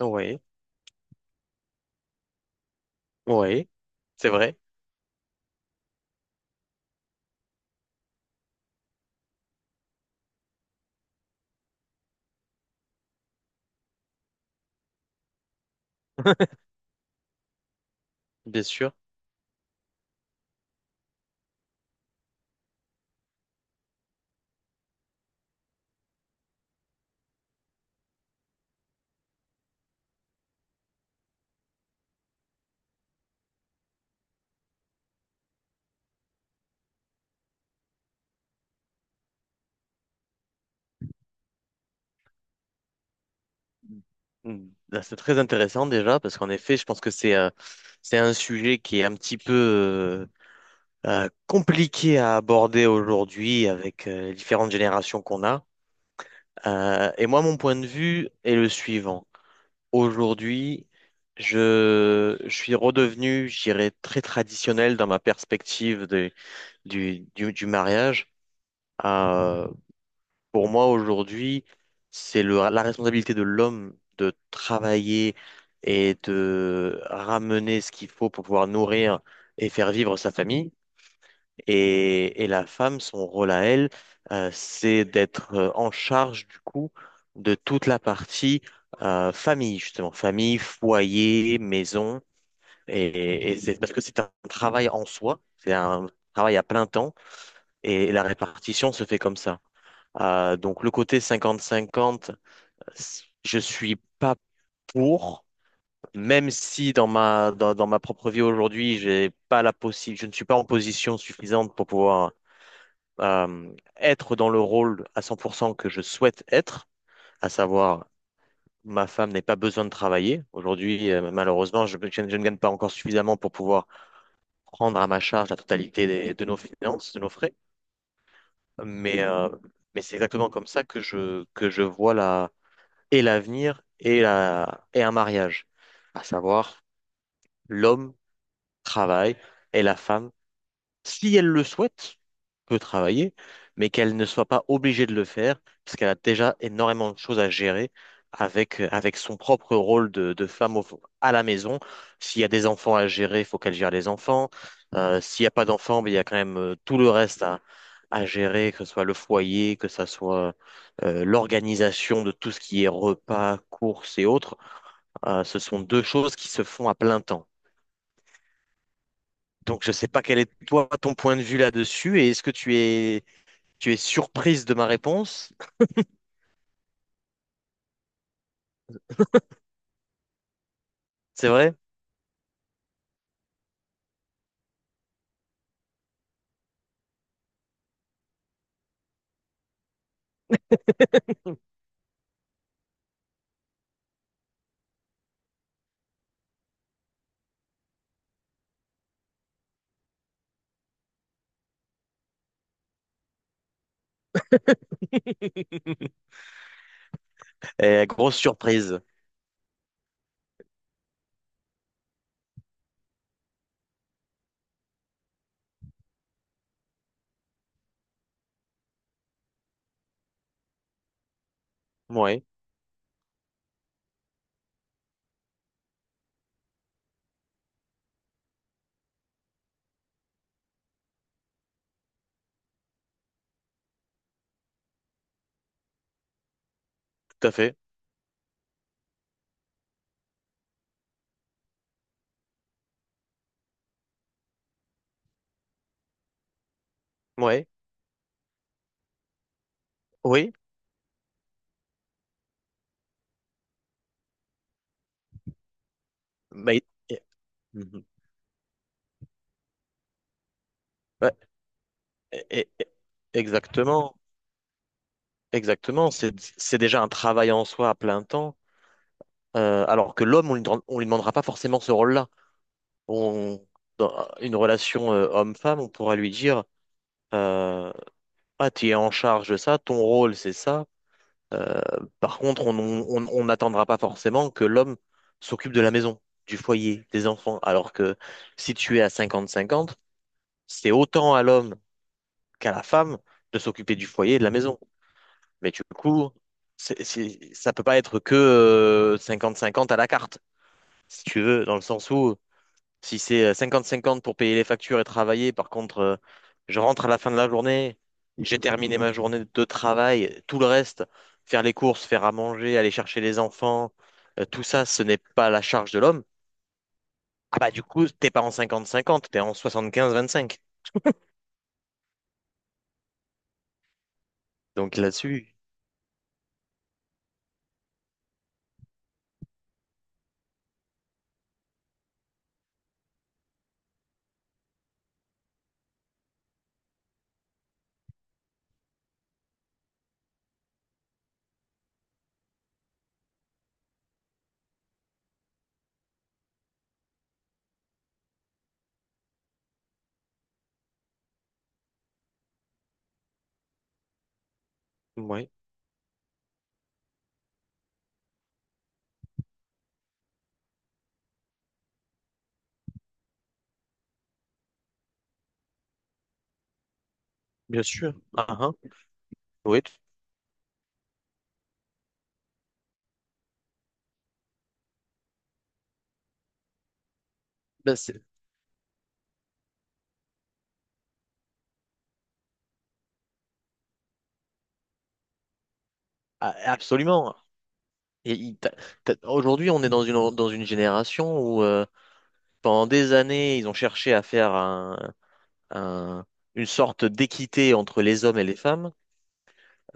Oui, oui, c'est vrai, bien sûr. Mm. Là, c'est très intéressant déjà parce qu'en effet, je pense que c'est un sujet qui est un petit peu euh, compliqué à aborder aujourd'hui avec les différentes générations qu'on a. Et moi, mon point de vue est le suivant. Aujourd'hui, je suis redevenu, je dirais, très traditionnel dans ma perspective du mariage. Euh, Pour moi, aujourd'hui, c'est la responsabilité de l'homme de travailler et de ramener ce qu'il faut pour pouvoir nourrir et faire vivre sa famille. Et la femme, son rôle à elle, c'est d'être en charge du coup de toute la partie famille, justement, famille, foyer, maison. Et c'est parce que c'est un travail en soi, c'est un travail à plein temps et la répartition se fait comme ça. Donc le côté cinquante-cinquante, je suis pas pour, même si dans ma propre vie aujourd'hui, j'ai pas la possi- je ne suis pas en position suffisante pour pouvoir euh, être dans le rôle à 100% que je souhaite être, à savoir ma femme n'ait pas besoin de travailler. Aujourd'hui, malheureusement, je ne gagne pas encore suffisamment pour pouvoir prendre à ma charge la totalité de nos finances, de nos frais. Mais, euh, mais c'est exactement comme ça que je vois et l'avenir et, et un mariage, à savoir l'homme travaille et la femme, si elle le souhaite, peut travailler, mais qu'elle ne soit pas obligée de le faire, parce qu'elle a déjà énormément de choses à gérer avec son propre rôle de femme à la maison. S'il y a des enfants à gérer, il faut qu'elle gère les enfants. S'il n'y a pas d'enfants, ben, il y a quand même tout le reste à gérer, que ce soit le foyer, que ce soit l'organisation de tout ce qui est repas, courses et autres. Ce sont deux choses qui se font à plein temps. Donc, je ne sais pas quel est toi ton point de vue là-dessus et est-ce que tu es surprise de ma réponse, c'est vrai? Eh, grosse surprise. Ouais, tout à fait. Ouais, oui. Mais, eh, mhm. Ouais, eh, eh, eh, exactement, Exactement. C'est déjà un travail en soi à plein temps. Alors que l'homme, on lui demandera pas forcément ce rôle-là. On, dans une relation homme-femme, on pourra lui dire, euh, tu es en charge de ça, ton rôle, c'est ça. Euh, par contre, on n'attendra pas forcément que l'homme s'occupe de la maison, du foyer, des enfants. Alors que si tu es à 50-50, c'est autant à l'homme qu'à la femme de s'occuper du foyer et de la maison. Mais du coup, ça peut pas être que 50-50 à la carte, si tu veux, dans le sens où si c'est cinquante 50 pour payer les factures et travailler, par contre, je rentre à la fin de la journée, j'ai terminé ma journée de travail, tout le reste, faire les courses, faire à manger, aller chercher les enfants, tout ça, ce n'est pas la charge de l'homme. Ah bah du coup, t'es pas en cinquante cinquante, t'es en soixante quinze vingt cinq. Donc là-dessus, ouais. Bien sûr. Ah, ah. Oui, tu- ben, c'est- Absolument. Et il- t'as- Aujourd'hui, on est dans dans une génération où pendant des années, ils ont cherché à faire un- une sorte d'équité entre les hommes et les femmes.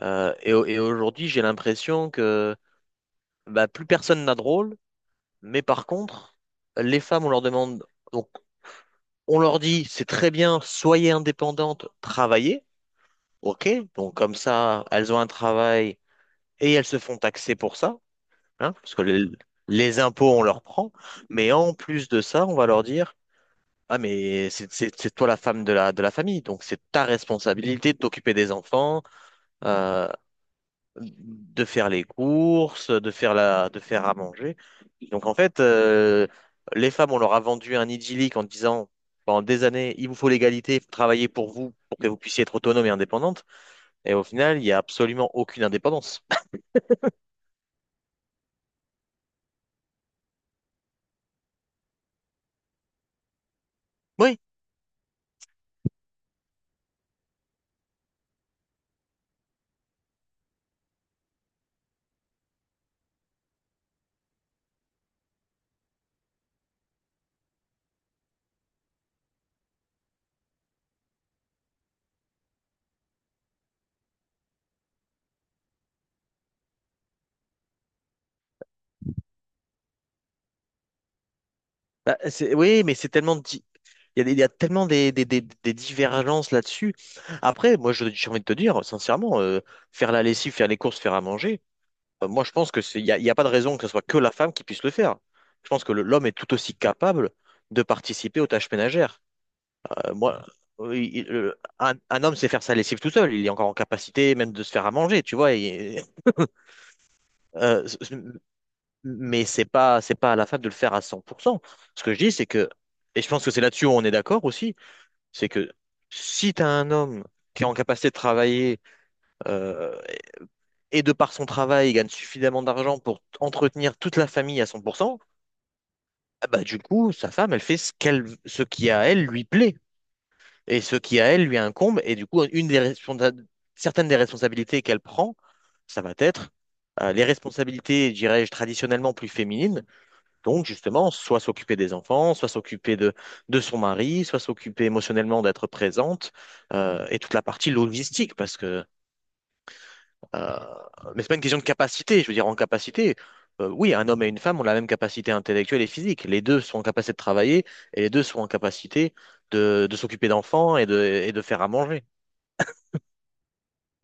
Et aujourd'hui, j'ai l'impression que bah, plus personne n'a de rôle. Mais par contre, les femmes, on leur demande, donc on leur dit, c'est très bien, soyez indépendantes, travaillez. OK, donc comme ça, elles ont un travail et elles se font taxer pour ça. Hein, parce que les impôts, on leur prend, mais en plus de ça, on va leur dire, ah, mais c'est toi la femme de la famille, donc c'est ta responsabilité de t'occuper des enfants, euh, de faire les courses, de de faire à manger. Donc en fait, les femmes, on leur a vendu un idyllique en disant, pendant des années, il vous faut l'égalité, il faut travailler pour vous, pour que vous puissiez être autonome et indépendante. Et au final, il n'y a absolument aucune indépendance. Oui. Oui, mais il y a, il y a tellement des divergences là-dessus. Après, j'ai envie de te dire, sincèrement, faire la lessive, faire les courses, faire à manger, moi, je pense que il il y a pas de raison que ce soit que la femme qui puisse le faire. Je pense que l'homme est tout aussi capable de participer aux tâches ménagères. Moi, oui, il- le- Un homme sait faire sa lessive tout seul. Il est encore en capacité même de se faire à manger, tu vois. euh, mais c'est pas à la fable de le faire à 100%. Ce que je dis, c'est que, et je pense que c'est là-dessus où on est d'accord aussi, c'est que si tu as un homme qui est en capacité de travailler euh, et de par son travail, il gagne suffisamment d'argent pour entretenir toute la famille à 100%, ah bah, du coup, sa femme, elle fait ce qui à elle lui plaît et ce qui à elle lui incombe. Et du coup, certaines des responsabilités qu'elle prend, ça va être les responsabilités, dirais-je, traditionnellement plus féminines. Donc, justement, soit s'occuper des enfants, soit s'occuper de son mari, soit s'occuper émotionnellement d'être présente, et toute la partie logistique, parce que, euh, mais c'est pas une question de capacité, je veux dire, en capacité, oui, un homme et une femme ont la même capacité intellectuelle et physique. Les deux sont en capacité de travailler, et les deux sont en capacité de s'occuper d'enfants et de faire à manger.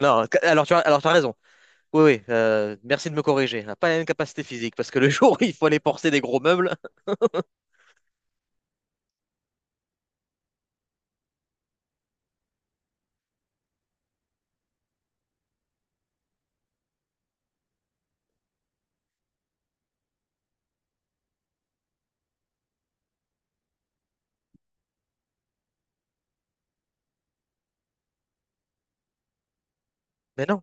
Non, ca- alors tu as, alors t'as raison. Oui, oui, merci de me corriger. On n'a pas la même capacité physique, parce que le jour où il faut aller porter des gros meubles. Mais non,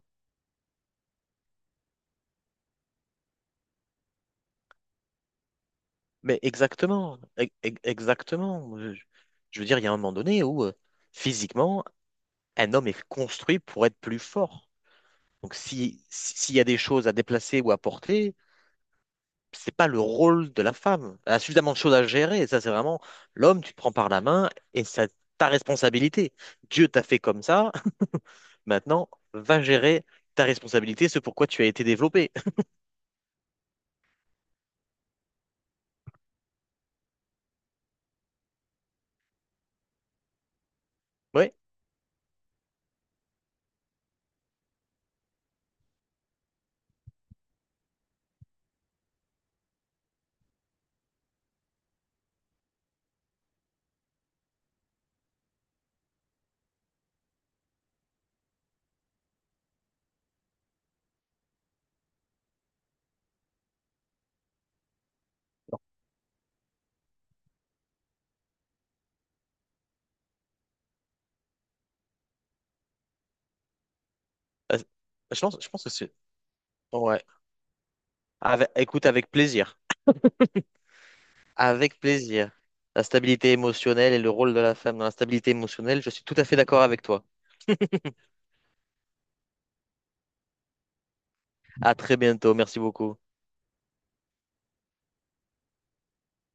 mais exactement, e- e- exactement. Je veux dire, il y a un moment donné où physiquement, un homme est construit pour être plus fort. Donc, s'il y a des choses à déplacer ou à porter, c'est pas le rôle de la femme. Elle a suffisamment de choses à gérer. Et ça, c'est vraiment l'homme, tu te prends par la main et c'est ta responsabilité. Dieu t'a fait comme ça. Maintenant, va gérer ta responsabilité, ce pourquoi tu as été développé. Ouais, euh, je pense que c'est. Ouais. Écoute, avec plaisir. Avec plaisir. La stabilité émotionnelle et le rôle de la femme dans la stabilité émotionnelle, je suis tout à fait d'accord avec toi. À très bientôt. Merci beaucoup.